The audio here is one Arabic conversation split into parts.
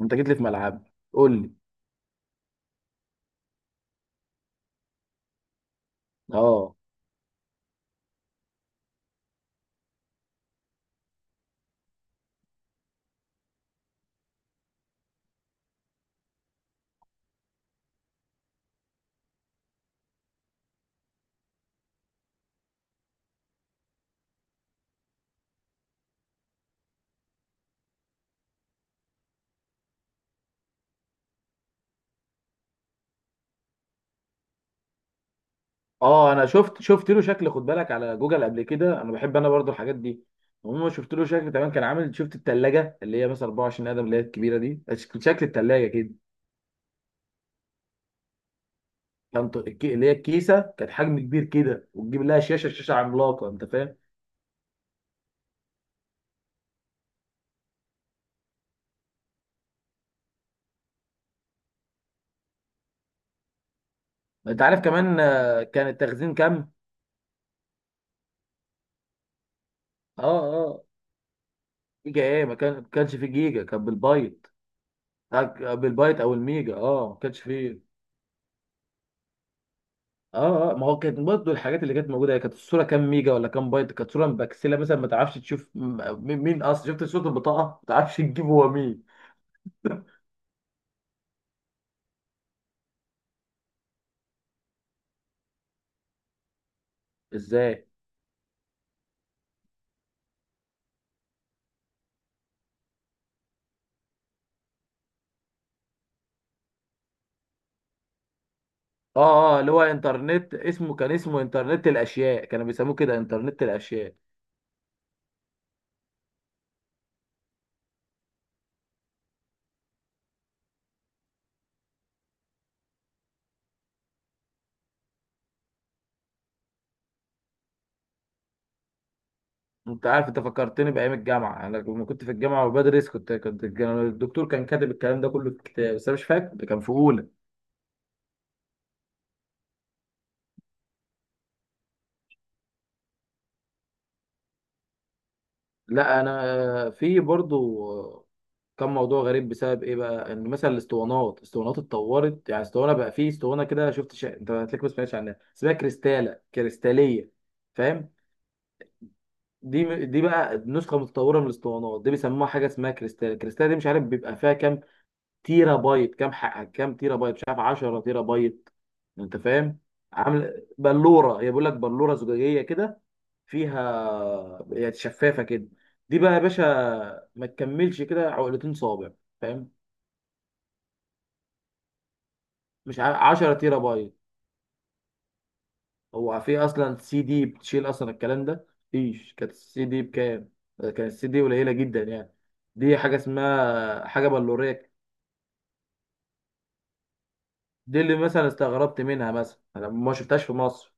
انت جيت لي في ملعب، قول لي. لا، اه. اه، انا شفت له شكل، خد بالك على جوجل قبل كده. انا بحب، انا برضو الحاجات دي. المهم، شفت له شكل. تمام، كان عامل، شفت التلاجة اللي هي مثلا 24 قدم اللي هي الكبيره دي. شكل التلاجة كده. كان اللي هي الكيسه، كانت حجم كبير كده، وتجيب لها شاشه عملاقه. انت فاهم؟ انت عارف كمان، كان التخزين كام؟ اه. اه. جيجا ايه؟ ما كانش فيه جيجا، كان بالبايت. بالبايت او الميجا، اه ما كانش فيه. اه، اه، ما هو كانت برضه الحاجات اللي كانت موجوده، هي كانت الصوره كام ميجا ولا كام بايت. كانت صوره مبكسله مثلا، ما تعرفش تشوف مين اصلا. شفت صوره البطاقه ما تعرفش تجيب هو مين. ازاي؟ اه، اه، اللي هو انترنت، اسمه كان انترنت الاشياء، كانوا بيسموه كده، انترنت الاشياء. انت عارف، انت فكرتني بايام الجامعه. انا لما كنت في الجامعه وبدرس، كنت كنت كان الدكتور كان كاتب الكلام ده كله في كتاب، بس انا مش فاكر ده كان في اولى. لا، انا في برضه. كان موضوع غريب، بسبب ايه بقى؟ ان مثلا الاسطوانات اتطورت. يعني اسطوانه بقى، فيه اسطوانه كده، شفت انت هتلاقيك ما سمعتش عنها، اسمها كريستاله كريستاليه. فاهم؟ دي بقى نسخه متطوره من الاسطوانات دي، بيسموها حاجه اسمها كريستاله. الكريستاله دي مش عارف بيبقى فيها كام تيرا بايت، كام، حق كام تيرا بايت. مش عارف، 10 تيرا بايت. انت فاهم؟ عامل بلوره، هي بيقول لك بلوره زجاجيه كده، فيها، هي شفافه كده. دي بقى يا باشا، ما تكملش كده، عقلتين صابع. فاهم؟ مش عارف، 10 تيرا بايت. هو في اصلا سي دي بتشيل اصلا الكلام ده؟ مفيش. كانت السي دي بكام؟ كانت السي دي قليله جدا يعني. دي حاجه اسمها حاجه بلوريه. دي اللي مثلا استغربت منها، مثلا انا ما شفتهاش في مصر.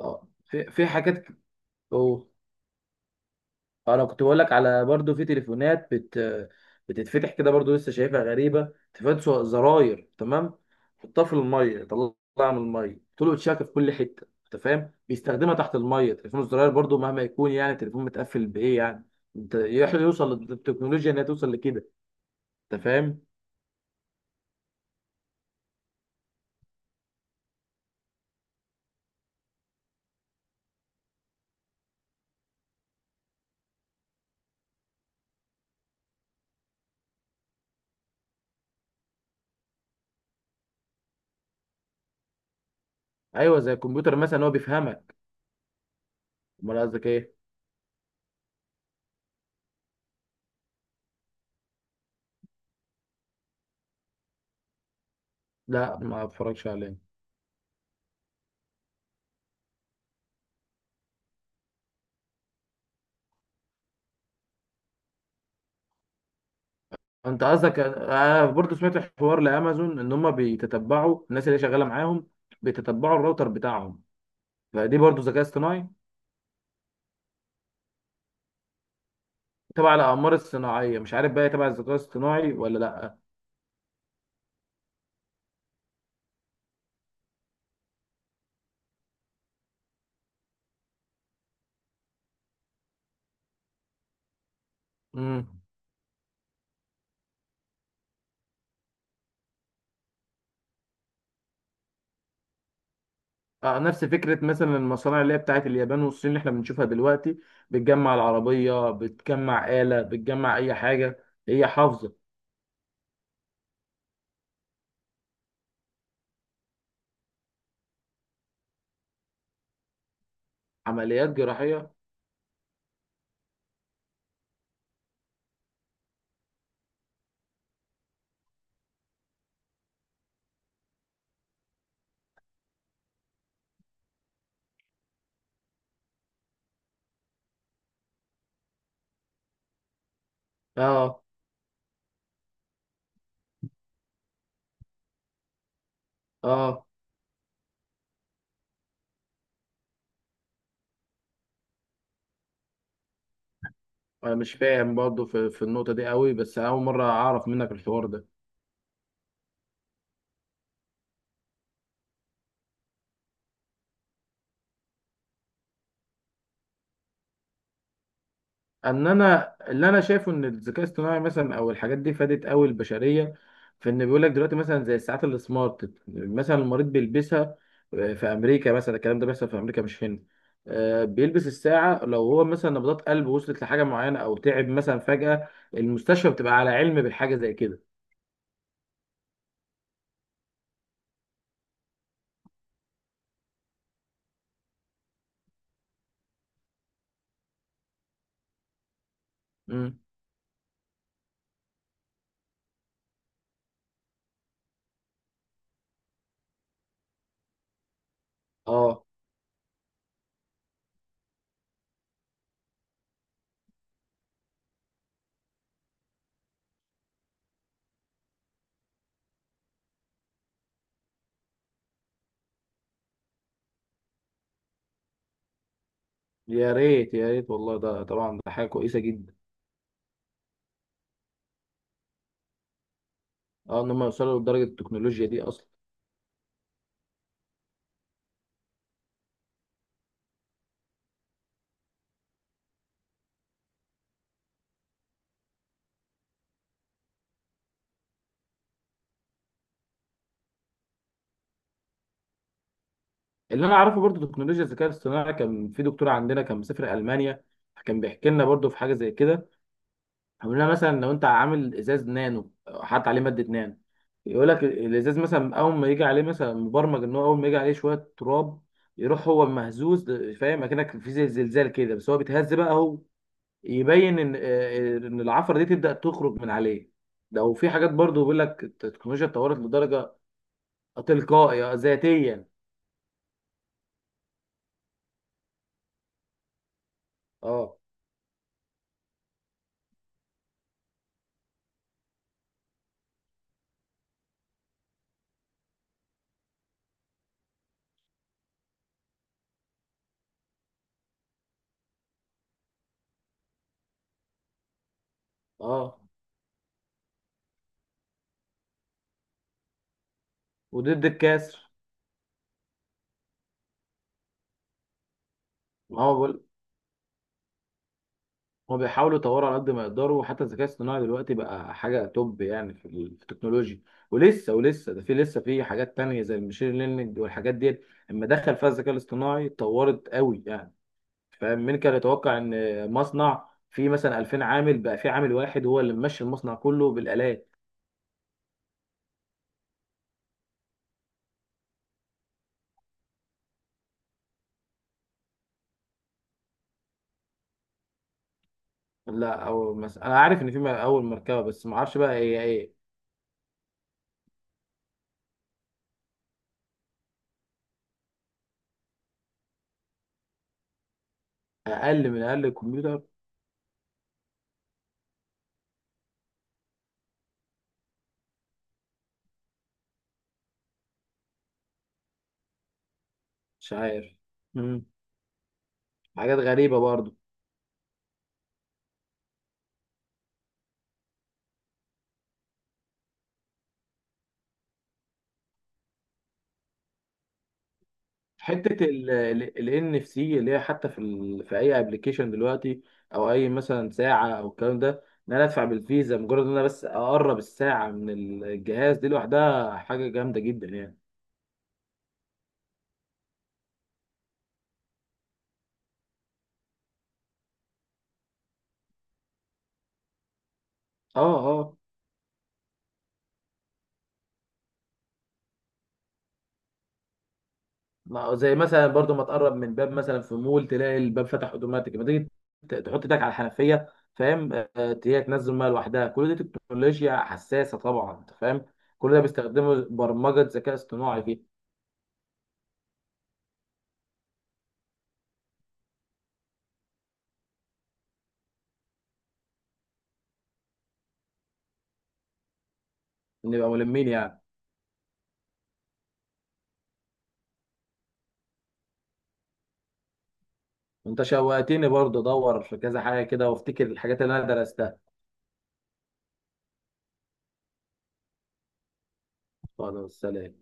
اه، في حاجات. اوه انا كنت بقول لك على، برضو في تليفونات بتتفتح كده، برضو لسه شايفها غريبه، تليفونات زراير. تمام، حطها في الميه، طلعها من الميه، طول شاكه في كل حته. انت فاهم؟ بيستخدمها تحت الميه، تليفون الزراير برضو مهما يكون يعني، تليفون متقفل بايه يعني؟ يوصل للتكنولوجيا انها توصل لكده. انت فاهم؟ ايوه، زي الكمبيوتر مثلا هو بيفهمك. امال قصدك ايه؟ لا، ما اتفرجش عليه. انت قصدك؟ انا برضه سمعت حوار لامازون ان هم بيتتبعوا الناس اللي شغاله معاهم، بيتتبعوا الراوتر بتاعهم، فدي برضه ذكاء اصطناعي. تبع الاقمار الصناعيه مش عارف بقى، هي تبع الذكاء الاصطناعي ولا لا. امم آه، نفس فكره مثلا المصانع اللي هي بتاعت اليابان والصين اللي احنا بنشوفها دلوقتي، بتجمع العربيه، بتجمع آلة، بتجمع اي حاجه هي حافظه. عمليات جراحيه؟ اه. اه. انا مش فاهم برضه في النقطه دي قوي، بس اول مره اعرف منك الحوار ده. ان انا، اللي انا شايفه ان الذكاء الاصطناعي مثلا او الحاجات دي فادت قوي البشريه، في ان بيقول لك دلوقتي مثلا زي الساعات السمارت، مثلا المريض بيلبسها، في امريكا مثلا، الكلام ده بيحصل في امريكا مش هنا. بيلبس الساعه، لو هو مثلا نبضات قلبه وصلت لحاجه معينه او تعب مثلا فجاه، المستشفى بتبقى على علم بالحاجه زي كده. مم. اه، يا ريت يا ريت والله، ده طبعا ده حاجه كويسه جدا. اه، ان هم يوصلوا لدرجه التكنولوجيا دي اصلا. اللي انا اعرفه برضو تكنولوجيا الذكاء الاصطناعي، كان في دكتور عندنا كان مسافر المانيا، كان بيحكي لنا برضو في حاجه زي كده. بيقول لنا مثلا، لو انت عامل ازاز نانو، حاطط عليه ماده نانو، يقول لك الازاز مثلا اول ما يجي عليه، مثلا مبرمج ان هو اول ما يجي عليه شويه تراب، يروح هو مهزوز. فاهم؟ اكنك في زي زلزال كده، بس هو بيتهز بقى هو، يبين ان ان العفره دي تبدا تخرج من عليه. ده، وفي حاجات برضو بيقول لك التكنولوجيا اتطورت لدرجه تلقائيه ذاتيا. اه. اه. وضد الكسر. ما هو بقول، هو بيحاولوا يطوروا على قد ما يقدروا. وحتى الذكاء الاصطناعي دلوقتي بقى حاجة توب يعني، في في التكنولوجيا. ولسه ده لسه في حاجات تانية زي المشين ليرنينج والحاجات ديت، اما دخل فيها الذكاء الاصطناعي اتطورت قوي يعني. فاهم؟ مين كان يتوقع ان مصنع فيه مثلا 2000 عامل بقى في عامل واحد هو اللي ممشي المصنع كله بالآلات. لا، او مثلا انا عارف ان في اول مركبة، بس ما اعرفش بقى هي ايه. اقل من اقل الكمبيوتر. مش عارف. مم. حاجات غريبة برضه. في حته ال NFC، اللي هي حتى في في اي ابلكيشن دلوقتي، او اي مثلا ساعه او الكلام ده، ان انا ادفع بالفيزا، مجرد ان انا بس اقرب الساعه من الجهاز، دي لوحدها حاجه جامده جدا يعني. اه. اه. زي مثلا برضو، ما تقرب من باب مثلا في مول تلاقي الباب فتح اوتوماتيك، ما تيجي تحط ايدك على الحنفيه، فاهم؟ هي تنزل ميه لوحدها. كل دي تكنولوجيا حساسه طبعا، انت فاهم؟ كل ده بيستخدموا برمجه ذكاء اصطناعي فيه. نبقى ملمين يعني. انت شوقتني، برضه ادور في كذا حاجه كده وافتكر الحاجات اللي انا درستها. خلاص، سلام.